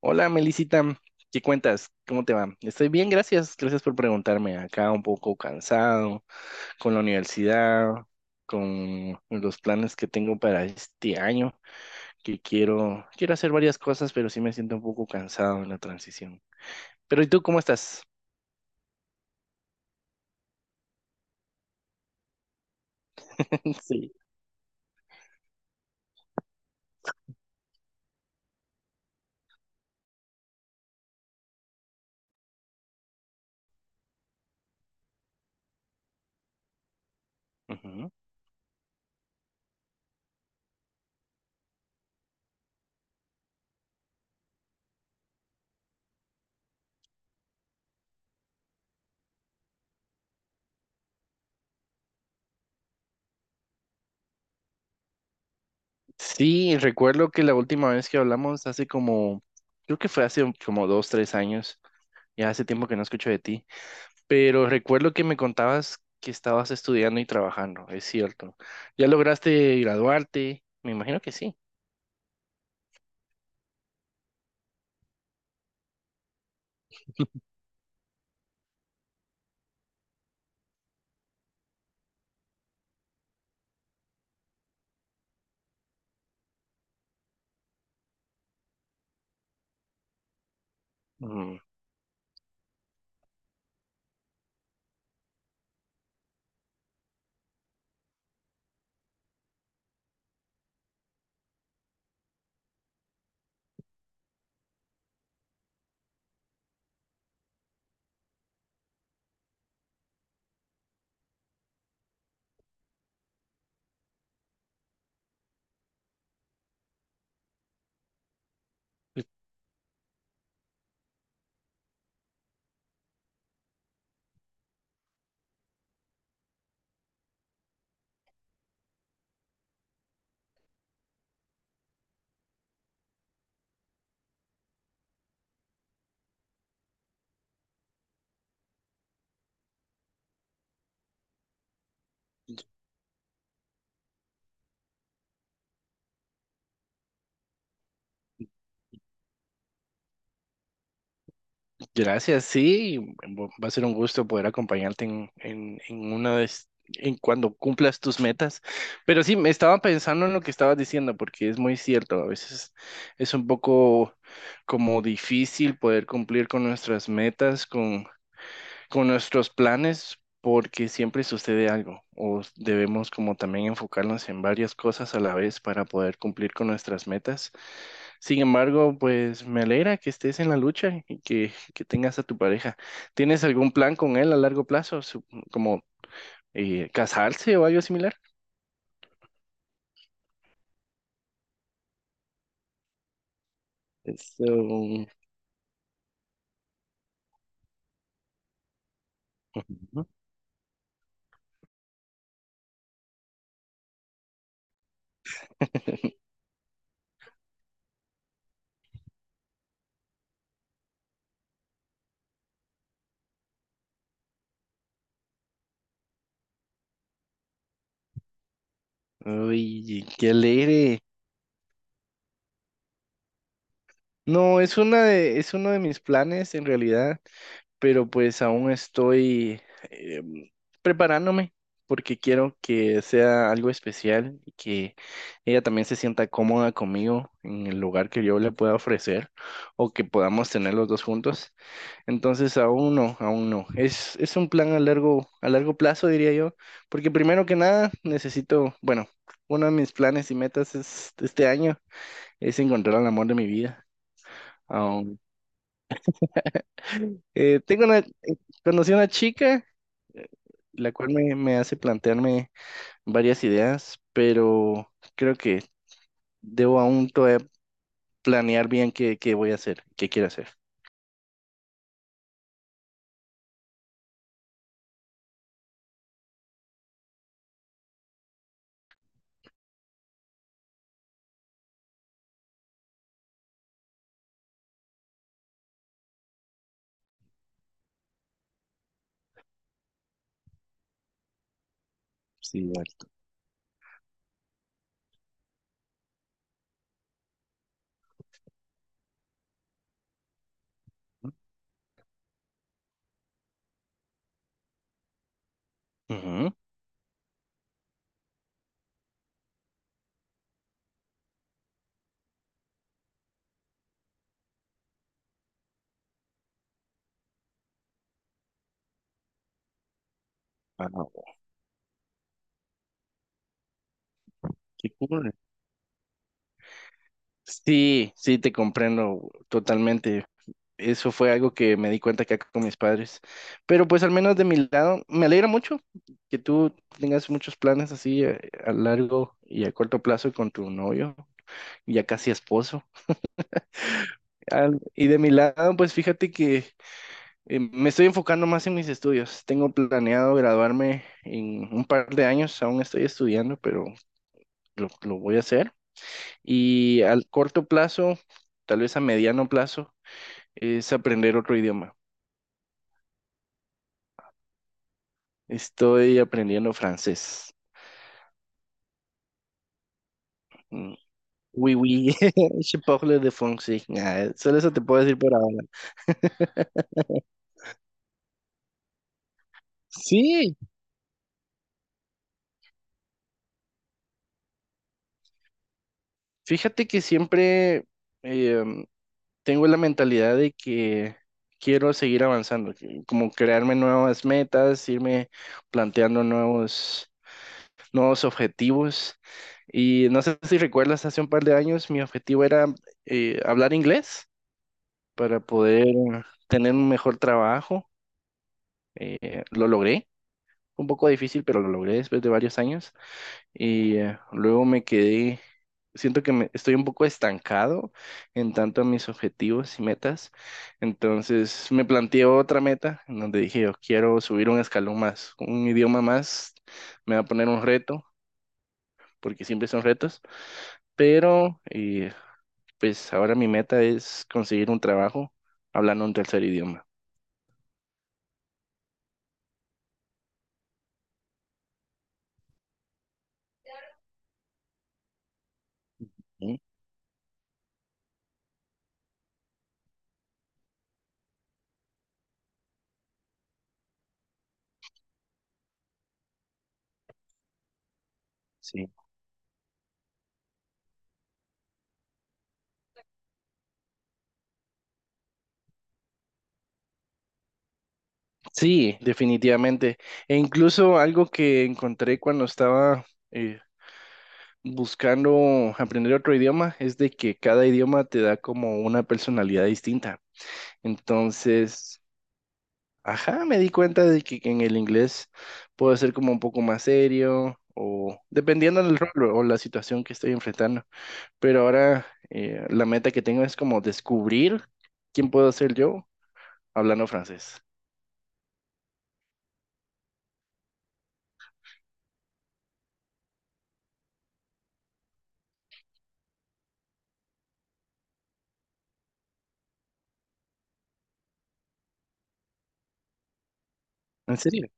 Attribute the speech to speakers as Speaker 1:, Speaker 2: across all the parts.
Speaker 1: Hola, Melisita, ¿qué cuentas? ¿Cómo te va? Estoy bien, gracias. Gracias por preguntarme. Acá un poco cansado con la universidad, con los planes que tengo para este año, que quiero hacer varias cosas, pero sí me siento un poco cansado en la transición. Pero ¿y tú cómo estás? Sí. Ujú. Sí, recuerdo que la última vez que hablamos hace como, creo que fue hace como dos, tres años. Ya hace tiempo que no escucho de ti. Pero recuerdo que me contabas que estabas estudiando y trabajando, es cierto. ¿Ya lograste graduarte? Me imagino que sí. Mm, pues, gracias, sí. Va a ser un gusto poder acompañarte en una de, es- en cuando cumplas tus metas. Pero sí, me estaba pensando en lo que estabas diciendo, porque es muy cierto. A veces es un poco como difícil poder cumplir con nuestras metas, con nuestros planes porque siempre sucede algo o debemos como también enfocarnos en varias cosas a la vez para poder cumplir con nuestras metas. Sin embargo, pues me alegra que estés en la lucha y que tengas a tu pareja. ¿Tienes algún plan con él a largo plazo, como casarse o algo similar? Eso, ujú. Uy, qué alegre. No, es uno de mis planes en realidad. Pero pues aún estoy em, preparándome porque quiero que sea algo especial y que ella también se sienta cómoda conmigo en el lugar que yo le pueda ofrecer o que podamos tener los dos juntos. Entonces aún no. Es un plan a largo plazo, diría yo, porque primero que nada necesito, bueno, uno de mis planes y metas es, este año, es encontrar el amor de mi vida. Aún, eh, tengo una, eh, conocí a una chica la cual me hace plantearme varias ideas, pero creo que debo aún todavía planear bien qué voy a hacer, qué quiero hacer. Sí, dale. Ujú. Ah, qué cool. Sí, sí, te comprendo totalmente. Eso fue algo que me di cuenta que acá con mis padres. Pero pues al menos de mi lado, me alegra mucho que tú tengas muchos planes así a largo y a corto plazo con tu novio, ya casi esposo. Y de mi lado, pues fíjate que me estoy enfocando más en mis estudios. Tengo planeado graduarme en un par de años. Aún estoy estudiando, pero lo voy a hacer. Y al corto plazo, tal vez a mediano plazo, es aprender otro idioma. Estoy aprendiendo francés. Mm. Oui, oui, je parle de français. Ah, solo eso te puedo decir por ahora. Sí, fíjate que em, tengo la mentalidad de que quiero seguir avanzando, como crearme nuevas metas, irme planteando nuevos objetivos. Y no sé si recuerdas, hace un par de años mi objetivo era hablar inglés para poder tener un mejor trabajo. Lo logré, un poco difícil, pero lo logré después de varios años y luego me quedé, siento que estoy un poco estancado en tanto a mis objetivos y metas, entonces me planteé otra meta en donde dije, yo quiero subir un escalón más, un idioma más, me va a poner un reto, porque siempre son retos, pero pues ahora mi meta es conseguir un trabajo hablando un tercer idioma. ¿Mm? Sí. Sí, definitivamente. E incluso algo que encontré cuando estaba... eh, buscando aprender otro idioma es de que cada idioma te da como una personalidad distinta. Entonces, ajá, me di cuenta de que en el inglés puedo ser como un poco más serio o dependiendo del rol o la situación que estoy enfrentando. Pero ahora la meta que tengo es como descubrir quién puedo ser yo hablando francés. ¿En serio?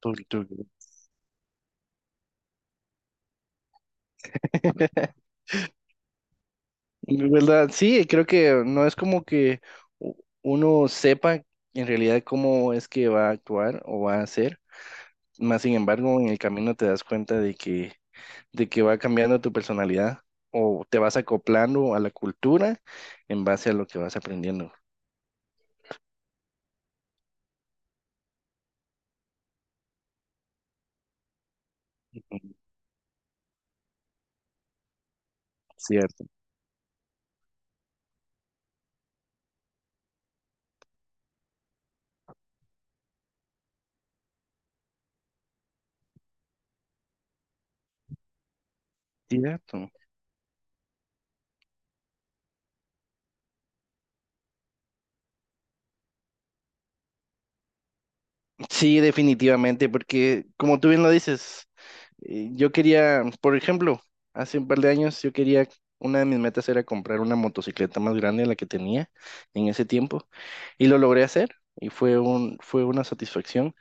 Speaker 1: Tú- tú- De ¿verdad? Sí, creo que no es como que u- uno sepa en realidad cómo es que va a actuar o va a hacer. Más sin embargo, en el camino te das cuenta de que va cambiando tu personalidad o te vas acoplando a la cultura en base a lo que vas aprendiendo. Cierto. Cierto. Sí, definitivamente, porque como tú bien lo dices, yo quería, por ejemplo, hace un par de años yo quería, una de mis metas era comprar una motocicleta más grande de la que tenía en ese tiempo y lo logré hacer y fue fue una satisfacción.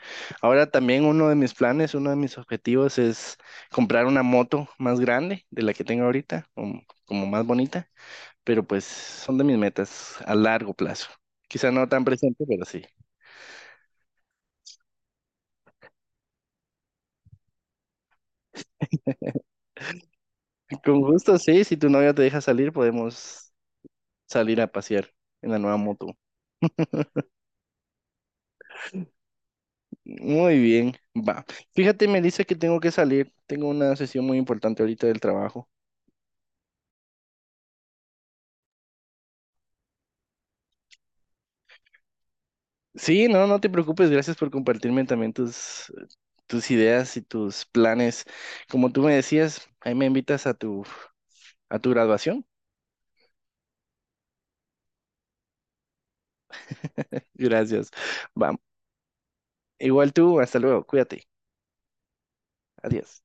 Speaker 1: Ahora también uno de mis planes, uno de mis objetivos es comprar una moto más grande de la que tengo ahorita, como más bonita, pero pues son de mis metas a largo plazo. Quizá no tan presente, pero sí. Con gusto, sí, si tu novia te deja salir, podemos salir a pasear en la nueva moto. Muy bien, va. Fíjate, me dice que tengo que salir. Tengo una sesión muy importante ahorita del trabajo. Sí, no, no te preocupes. Gracias por compartirme también tus, tus ideas y tus planes. Como tú me decías, ahí me invitas a tu graduación. Gracias. Va. Igual tú, hasta luego. Cuídate. Adiós.